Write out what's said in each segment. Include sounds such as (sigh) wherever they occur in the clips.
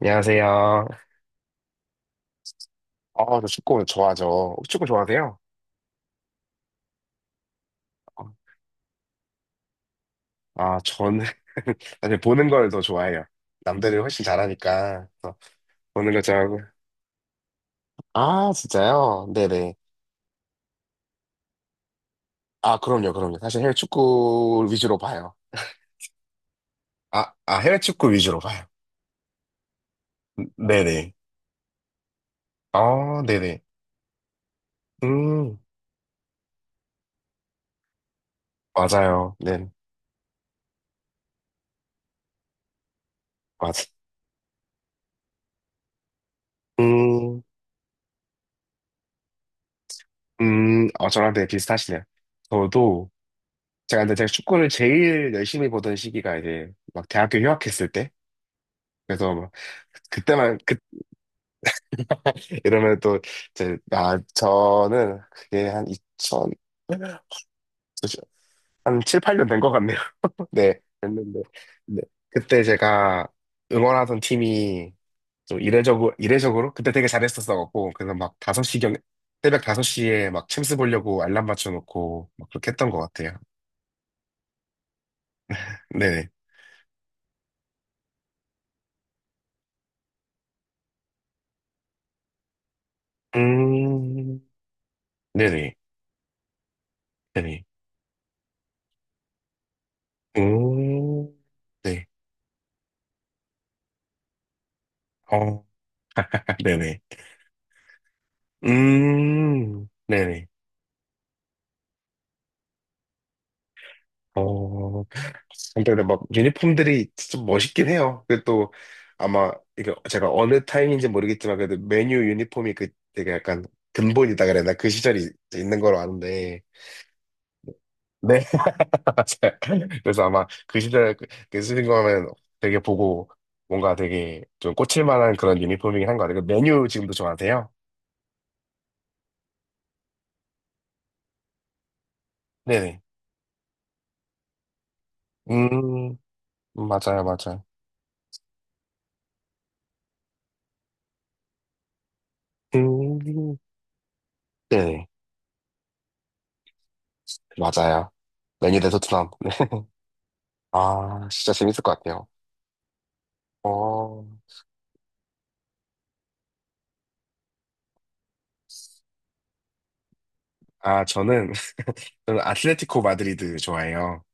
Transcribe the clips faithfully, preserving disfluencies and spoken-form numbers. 안녕하세요. 아, 저 축구 좋아하죠. 축구 좋아하세요? 아, 저는 (laughs) 사실 보는 걸 더 좋아해요. 남들은 훨씬 잘하니까 그래서 보는 걸 좋아하고. 아, 진짜요? 네네. 아, 그럼요, 그럼요. 사실 해외 축구 위주로 봐요. 아, 아, 해외 축구 위주로 봐요. 네네. 아, 네네. 음, 맞아요. 네, 맞아. 음, 음, 어, 저랑 되게 비슷하시네요. 저도, 제가 근데 제가 축구를 제일 열심히 보던 시기가 이제 막 대학교 휴학했을 때, 그래서 막 그때만 그 (laughs) 이러면 또 이제 아 저는 그게 한이천 한 칠, 팔 년 된 것 같네요. (laughs) 네, 됐는데 네. 그때 제가 응원하던 팀이 좀 이례적으로 이례적으로 그때 되게 잘했었어갖고 그래서 막 다섯 시경 새벽 다섯 시에 막 챔스 보려고 알람 맞춰놓고 막 그렇게 했던 것 같아요. 네네. 음, 네네. 네네. 음, 네. 어, (laughs) 네네. 음, 네네. 어, 근데 막 유니폼들이 좀 멋있긴 해요. 그또 아마 이게 제가 어느 타임인지 모르겠지만 그래도 메뉴 유니폼이 그 되게 약간 근본이다 그랬나 그 시절이 있는 걸로 아는데. 네. (laughs) 맞아요. 그래서 아마 그 시절 그 그 쓰신 거면 되게 보고 뭔가 되게 좀 꽂힐 만한 그런 유니폼이긴 한 것 같아요. 그 메뉴 지금도 좋아하세요? 네네. 음, 맞아요, 맞아요. 음, 네네. 맞아요. 레니 대토 트럼프. (laughs) 아, 진짜 재밌을 것 같아요. 어, 아, 저는, (laughs) 저는 아틀레티코 마드리드 좋아해요.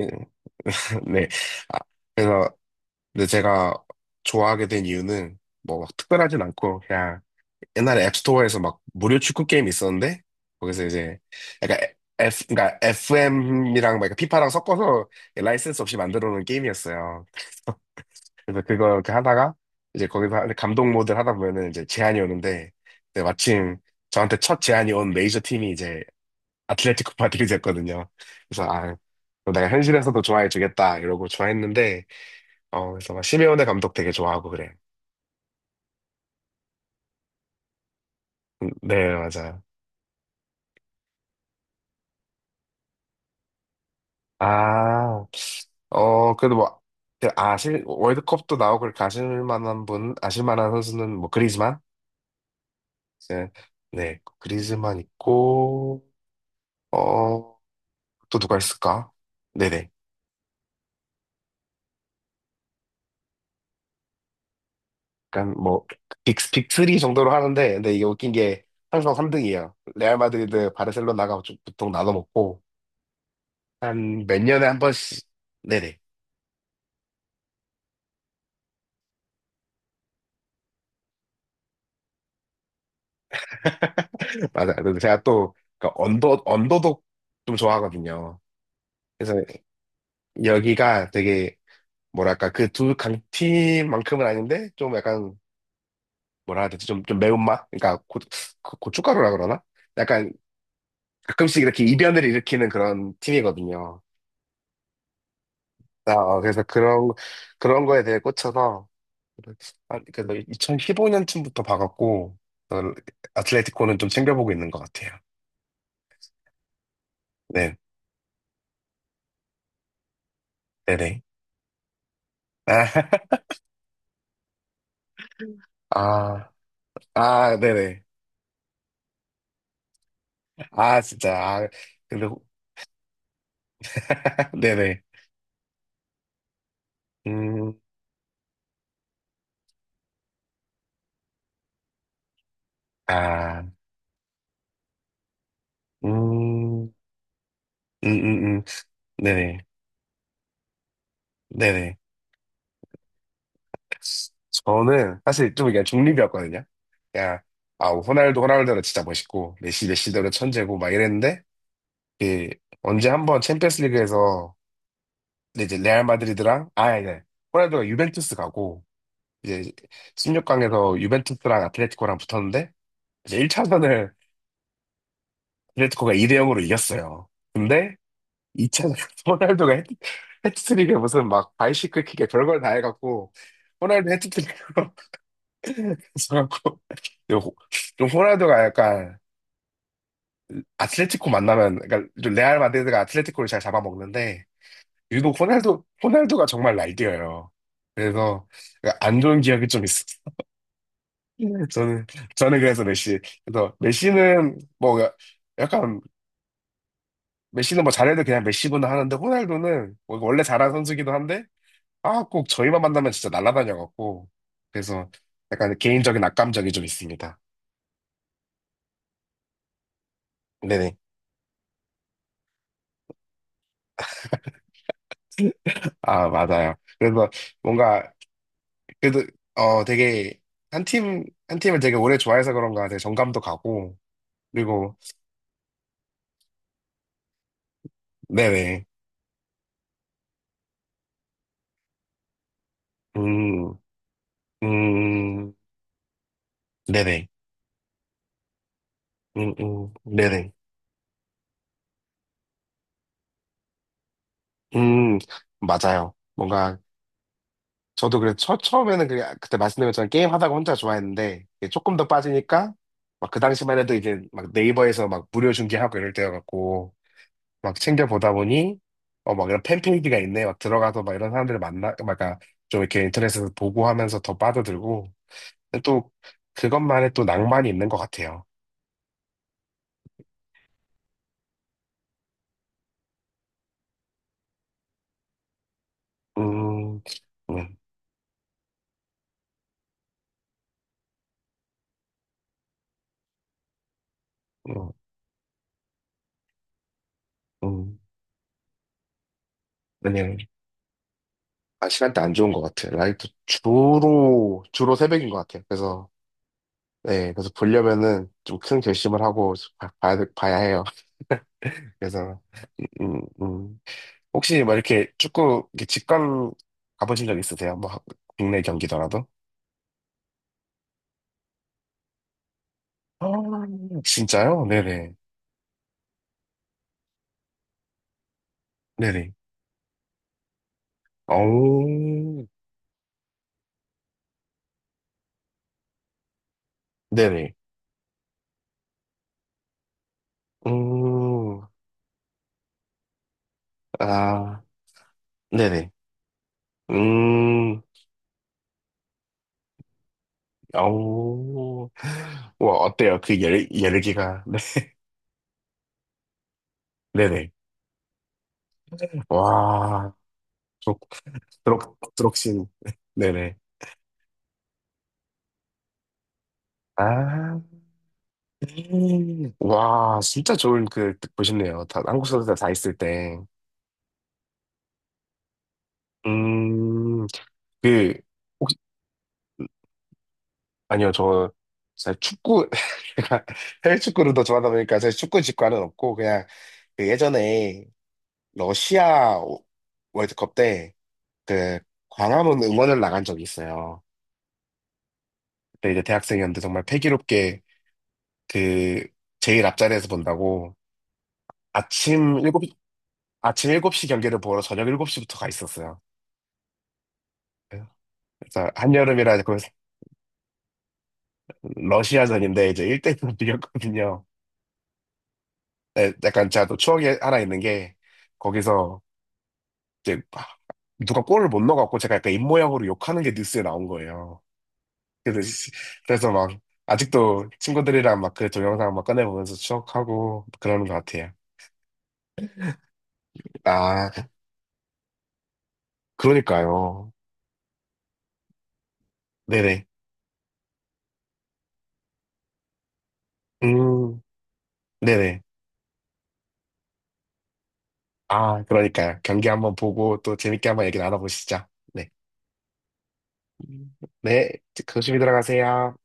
예. (laughs) 네. 아, 그래서, 근데 제가 좋아하게 된 이유는 뭐 막 특별하진 않고, 그냥 옛날에 앱스토어에서 막 무료 축구 게임 있었는데, 거기서 이제 약간 F, 그러니까 에프엠이랑 막 피파랑 섞어서 라이센스 없이 만들어 놓은 게임이었어요. 그래서 그거 이렇게 하다가 이제 거기서 하- 감독 모드를 하다 보면은 이제 제안이 오는데 네, 마침 저한테 첫 제안이 온 메이저 팀이 이제 아틀레티코 마드리드였거든요. 그래서 아 그럼 내가 현실에서도 좋아해 주겠다 이러고 좋아했는데 어 그래서 막 시메오네 감독 되게 좋아하고 그래. 음, 네 맞아요. 아 어 그래도 뭐 그 아실 월드컵도 나오고 그렇게 아실 만한 분 아실 만한 선수는 뭐 그리즈만 네 네 그리즈만 있고 어 또 누가 있을까? 네네. 약간 뭐, 빅, 빅쓰리 정도로 하는데, 근데 이게 웃긴 게 항상 삼 등이에요. 레알 마드리드, 바르셀로나가 좀 보통 나눠 먹고, 한 몇 년에 한 번씩, 네네. (laughs) 맞아요. 근데 제가 또, 그러니까 언더, 언더독 좀 좋아하거든요. 그래서 여기가 되게, 뭐랄까, 그 두 강팀만큼은 아닌데, 좀 약간, 뭐라 해야 되지? 좀, 좀 매운맛? 그러니까 고, 고- 고춧가루라 그러나? 약간 가끔씩 이렇게 이변을 일으키는 그런 팀이거든요. 아, 어, 그래서 그런, 그런 거에 대해 꽂혀서, 한- 그래서 이천십오 년쯤부터 봐갖고, 어, 아틀레티코는 좀 챙겨보고 있는 것 같아요. 네, 네네. 아, (laughs) 아, 아, 네네. 아, 진짜. 아, 그리고, (laughs) 네네. 음, 아, 음, 음, 음, 음. 네네. 네네. 저는 사실 좀 그냥 중립이었거든요. 그냥, 아, 호날두, 호날두는 진짜 멋있고, 메시, 메시대로 천재고, 막 이랬는데, 그 언제 한 번 챔피언스 리그에서 이제 레알 마드리드랑 아 아니 호날두가 유벤투스 가고 이제 십육 강에서 유벤투스랑 아tletico랑 붙었는데 이제 일 차전을 아틀레티코가 이 대 영으로 이겼어요. 근데 이 차전 (laughs) 호날두가 해트- 해트트릭에 무슨 막 바이시클 킥에 별걸 다 해갖고 호날두 해트트릭으로 (laughs) 해갖고 좀 호날두가 약간 아틀레티코 만나면 그러니까 좀 레알 마드리드가 아틀레티코를 잘 잡아먹는데 유독 호날두, 호날두가 정말 날뛰어요. 그래서 안 좋은 기억이 좀 있었어. (laughs) 저는, 저는 그래서 메시. 그래서 메시는 뭐 약간 메시는 뭐 잘해도 그냥 메시구나 하는데 호날두는 뭐 원래 잘한 선수기도 한데 아, 꼭 저희만 만나면 진짜 날아다녀갖고. 그래서 약간 개인적인 악감정이 좀 있습니다. 네네. 아, 맞아요. 그래서 뭔가, 그래도, 어, 되게, 한 팀, 한 팀을 되게 오래 좋아해서 그런가 되게 정감도 가고, 그리고, 네네. 음, 음, 네네. 음, 음, 네네. 음, 맞아요. 뭔가, 저도 그래, 처, 처음에는 그, 그때 말씀드린 것처럼 게임 하다가 혼자 좋아했는데, 이게 조금 더 빠지니까, 막 그 당시만 해도 이제 막 네이버에서 막 무료 중계하고 이럴 때여갖고, 막 챙겨보다 보니, 어, 막 이런 팬페이지가 있네. 막 들어가서 막 이런 사람들을 만나, 막, 그러니까 좀 이렇게 인터넷에서 보고 하면서 더 빠져들고, 근데 또, 그것만의 또 낭만이 있는 것 같아요. 음, 음, 음, 음. 아니요. 아, 시간대 안 좋은 것 같아. 요 라이트 주로, 주로 새벽인 것 같아. 그래서, 네, 그래서 보려면은 좀 큰 결심을 하고 봐, 봐야, 돼- 봐야 해요. (laughs) 그래서, 음, 음. 혹시 뭐 이렇게 축구, 이렇게 직관 가보신 적 있으세요? 뭐, 하- 국내 경기더라도? 아, 진짜요? 네네. 네네. 오 네네. 음, 아, 네네. 음, 오우 와, 어때요? 그 열, 열기가. (laughs) 네네. 와, 드록, 드록, 드록신. 네네. 아, 음. 와, 진짜 좋은 그, 보셨네요. 다, 한국 선수들 다 있을 때. 음, 그, 혹시, 아니요, 저, 사실 축구, (laughs) 제가 해외 축구를 더 좋아하다 보니까 사실 축구 직관은 없고, 그냥, 그 예전에 러시아 오- 월드컵 때, 그, 광화문 응원을 나간 적이 있어요. 그때 이제 대학생이었는데 정말 패기롭게 그, 제일 앞자리에서 본다고 아침 일곱 시, 아침 일곱 시 경기를 보러 저녁 일곱 시부터 가 있었어요. 네. 그래서 한여름이라 그 러시아전인데 이제 일 대일로 비겼거든요. (laughs) 네, 약간 제가 또 추억이 하나 있는 게 거기서 이제 막 누가 골을 못 넣어갖고 제가 약간 입모양으로 욕하는 게 뉴스에 나온 거예요. 그래서, 시- 그래서 막 아직도 친구들이랑 막 그 동영상 막 꺼내보면서 추억하고 그러는 것 같아요. 아, 그러니까요. 네네. 음, 네네. 아, 그러니까요. 경기 한번 보고 또 재밌게 한번 얘기 나눠보시죠. 네. 음. 네, 조심히 들어가세요.